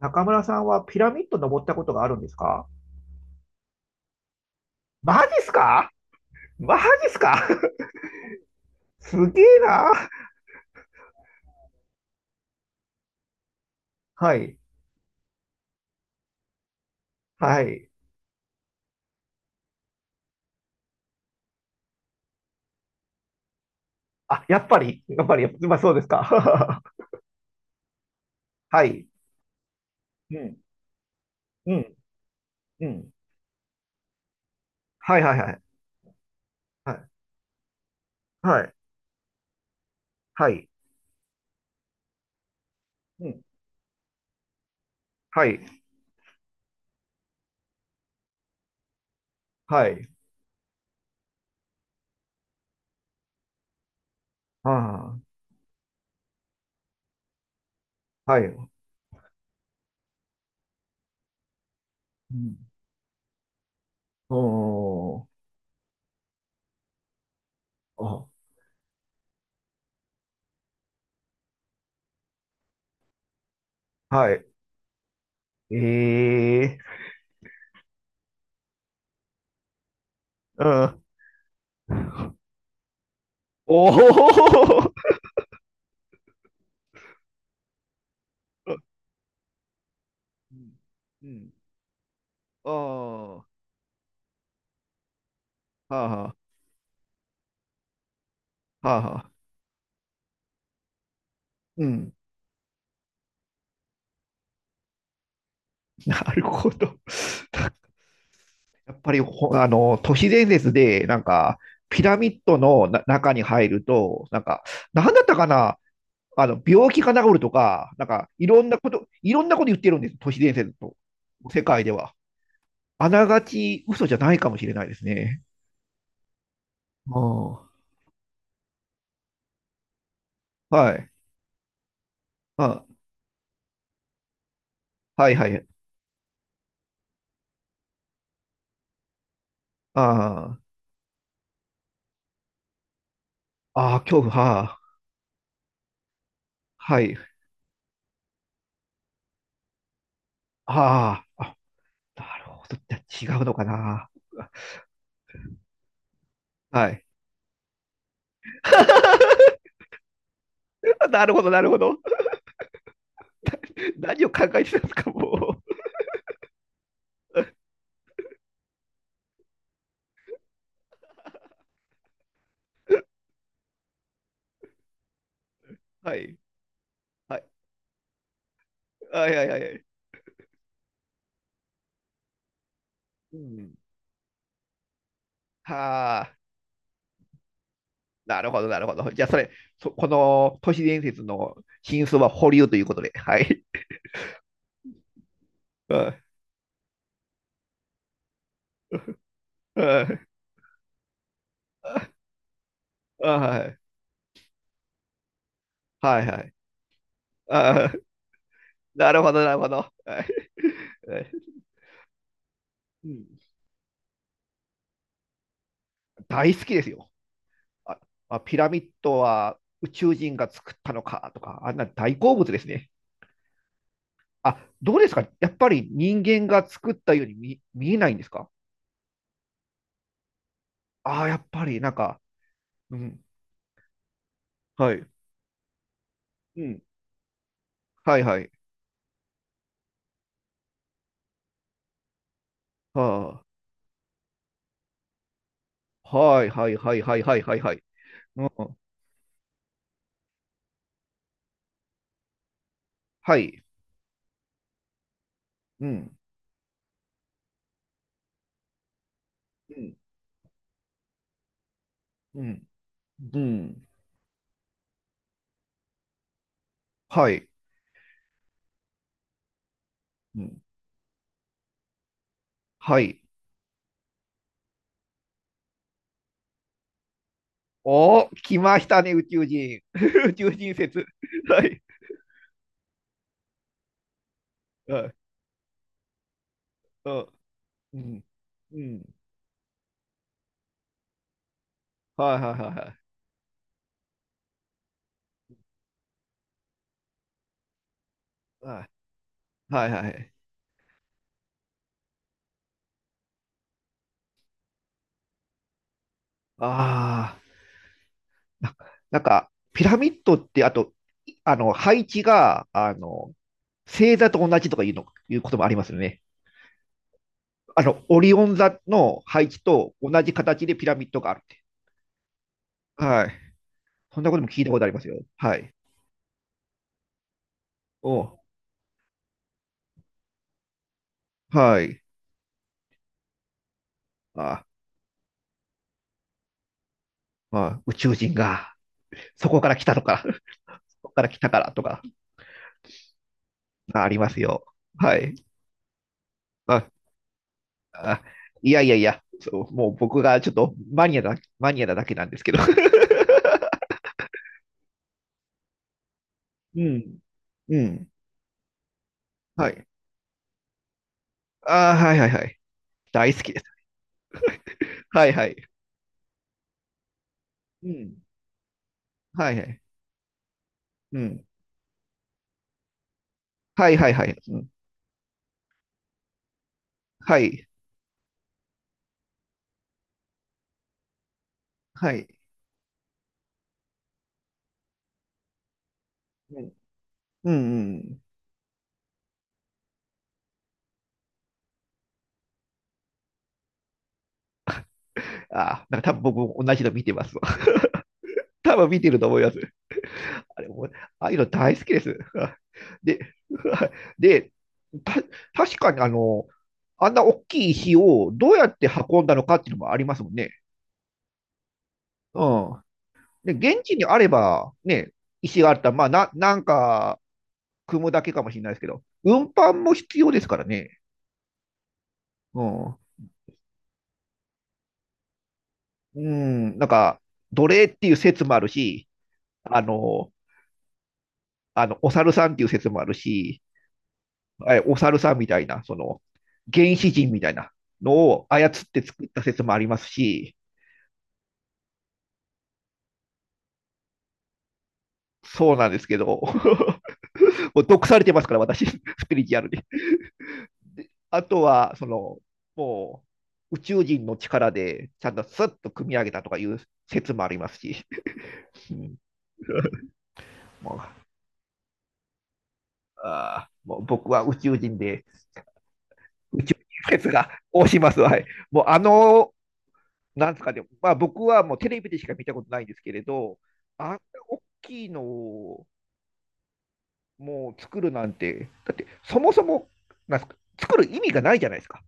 中村さんはピラミッド登ったことがあるんですか？マジっすかマジっすか? すげえな。はい。はい。あ、やっぱまあそうですか。はい。うん。うん。うん。はいはいはい。はい。はい。はい。うん。はい。はい。ああ。はい。うん。おー。あ、はい。ええ、うん。おお。うん。うん。ああ。はあはあ。はあはあ。うん。なるほど。やっぱりあの、都市伝説で、なんか、ピラミッドの中に入ると、なんか、なんだったかな、あの、病気が治るとか、なんか、いろんなこと、いろんなこと言ってるんです、都市伝説と、世界では。あながち嘘じゃないかもしれないですね。うん。はい。あ、はいはい。あーあー、あ恐怖、はあ、はい。ああ、あ、なるほど。じゃあ違うのかな。はい。なるほど、なるほど。何を考えてたんですか、もう。はい。はい。はいはいはい。うん。はあ。なるほど、なるほど。じゃあ、それ、この都市伝説の真相は保留ということで。はい。うん、うん、あはい。はいはい。あ、なるほど、なるほど。はいはい、うん、大好きですよ。あ、あ、ピラミッドは宇宙人が作ったのかとか、あんな大好物ですね。あ、どうですかやっぱり人間が作ったように見えないんですか？ああ、やっぱり、なんか、うん、はい、うん、はい、はい、はあ、はい、はい、はい、はい、はい、はい、はい、うん、はい、うん、うん、うん、うん、はい、うん、はい。おー、来ましたね、宇宙人。宇宙人説。はい、はい、うん、うん、うん、はい、はい、はい、はい、はい、はい、はい。ああ。ななんか、ピラミッドって、あと、あの、配置が、あの、星座と同じとかいうの、いうこともありますよね。あの、オリオン座の配置と同じ形でピラミッドがあるって。はい。そんなことも聞いたことありますよ。はい。お、はい。あ、まあ、宇宙人が、そこから来たとか、そこから来たからとか、ありますよ。はい。あ、あ、いやいやいや、そう、もう僕がちょっとマニアなだけなんですけど。うん。うん。はい。ああ、はいはいはい。大好きです。はいはい。うん。はいはい。うん。はいはいはい。うん。はい。はい。うん。うんうん。ああ、なんか多分僕も同じの見てますわ。多分見てると思います。あれもう、ああいうの大好きです。で、で、た、確かにあの、あんな大きい石をどうやって運んだのかっていうのもありますもんね。うん。で、現地にあれば、ね、石があったら、まあ、なんか、組むだけかもしれないですけど、運搬も必要ですからね。うん。うん、なんか、奴隷っていう説もあるし、あの、あの、お猿さんっていう説もあるし、お猿さんみたいな、その、原始人みたいなのを操って作った説もありますし、そうなんですけど、もう毒されてますから、私、スピリチュアルに。あとは、その、もう、宇宙人の力で、ちゃんとスッと組み上げたとかいう説もありますし、あもう僕は宇宙人で、宇宙人説が押します。はい。もうあの、なんですかね、まあ僕はもうテレビでしか見たことないんですけれど、あんな大きいのをもう作るなんて、だってそもそも、なんすか、作る意味がないじゃないですか。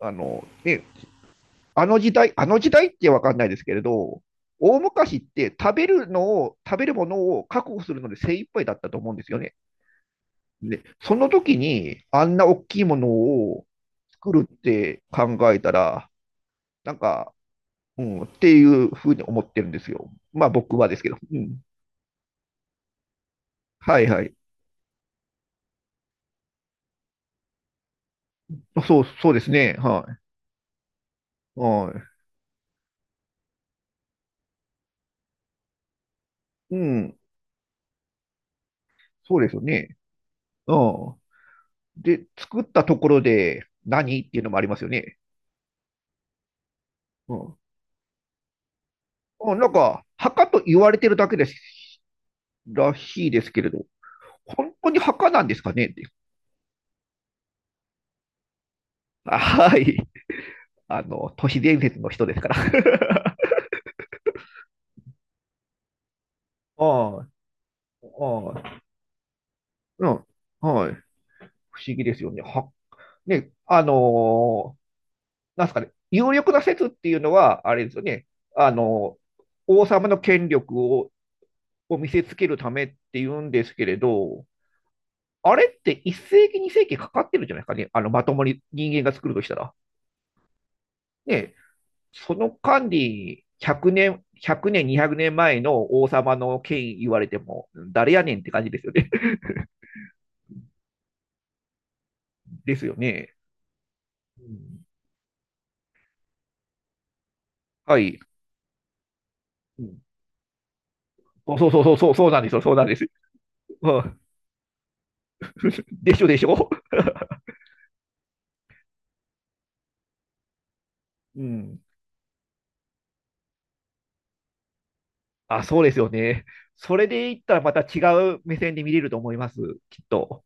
あの、ね、あの時代、あの時代ってわかんないですけれど、大昔って食べるものを確保するので精一杯だったと思うんですよね。で、その時にあんな大きいものを作るって考えたら、なんか、うん、っていうふうに思ってるんですよ。まあ僕はですけど。うん。はいはい。そう、そうですね。はい。はい。うん。そうですよね。うん。で、作ったところで何っていうのもありますよね。うん。うん、なんか、墓と言われてるだけですらしいですけれど、本当に墓なんですかねって。あはい。あの、都市伝説の人ですから。ああ、ああ、うん。はい。不思議ですよね。は、ね、なんですかね、有力な説っていうのは、あれですよね、あのー王様の権力を、を見せつけるためっていうんですけれど、あれって1世紀、2世紀かかってるじゃないですかね、あのまともに人間が作るとしたら。ね、その間に100年、100年、200年前の王様の権威言われても、誰やねんって感じですよね。ですよね。うん、はい。うん、そうそうそうそう、そうなんですよ、そうなんです。 でしょでしょ。うん、あ、そうですよね。それで言ったらまた違う目線で見れると思います、きっと。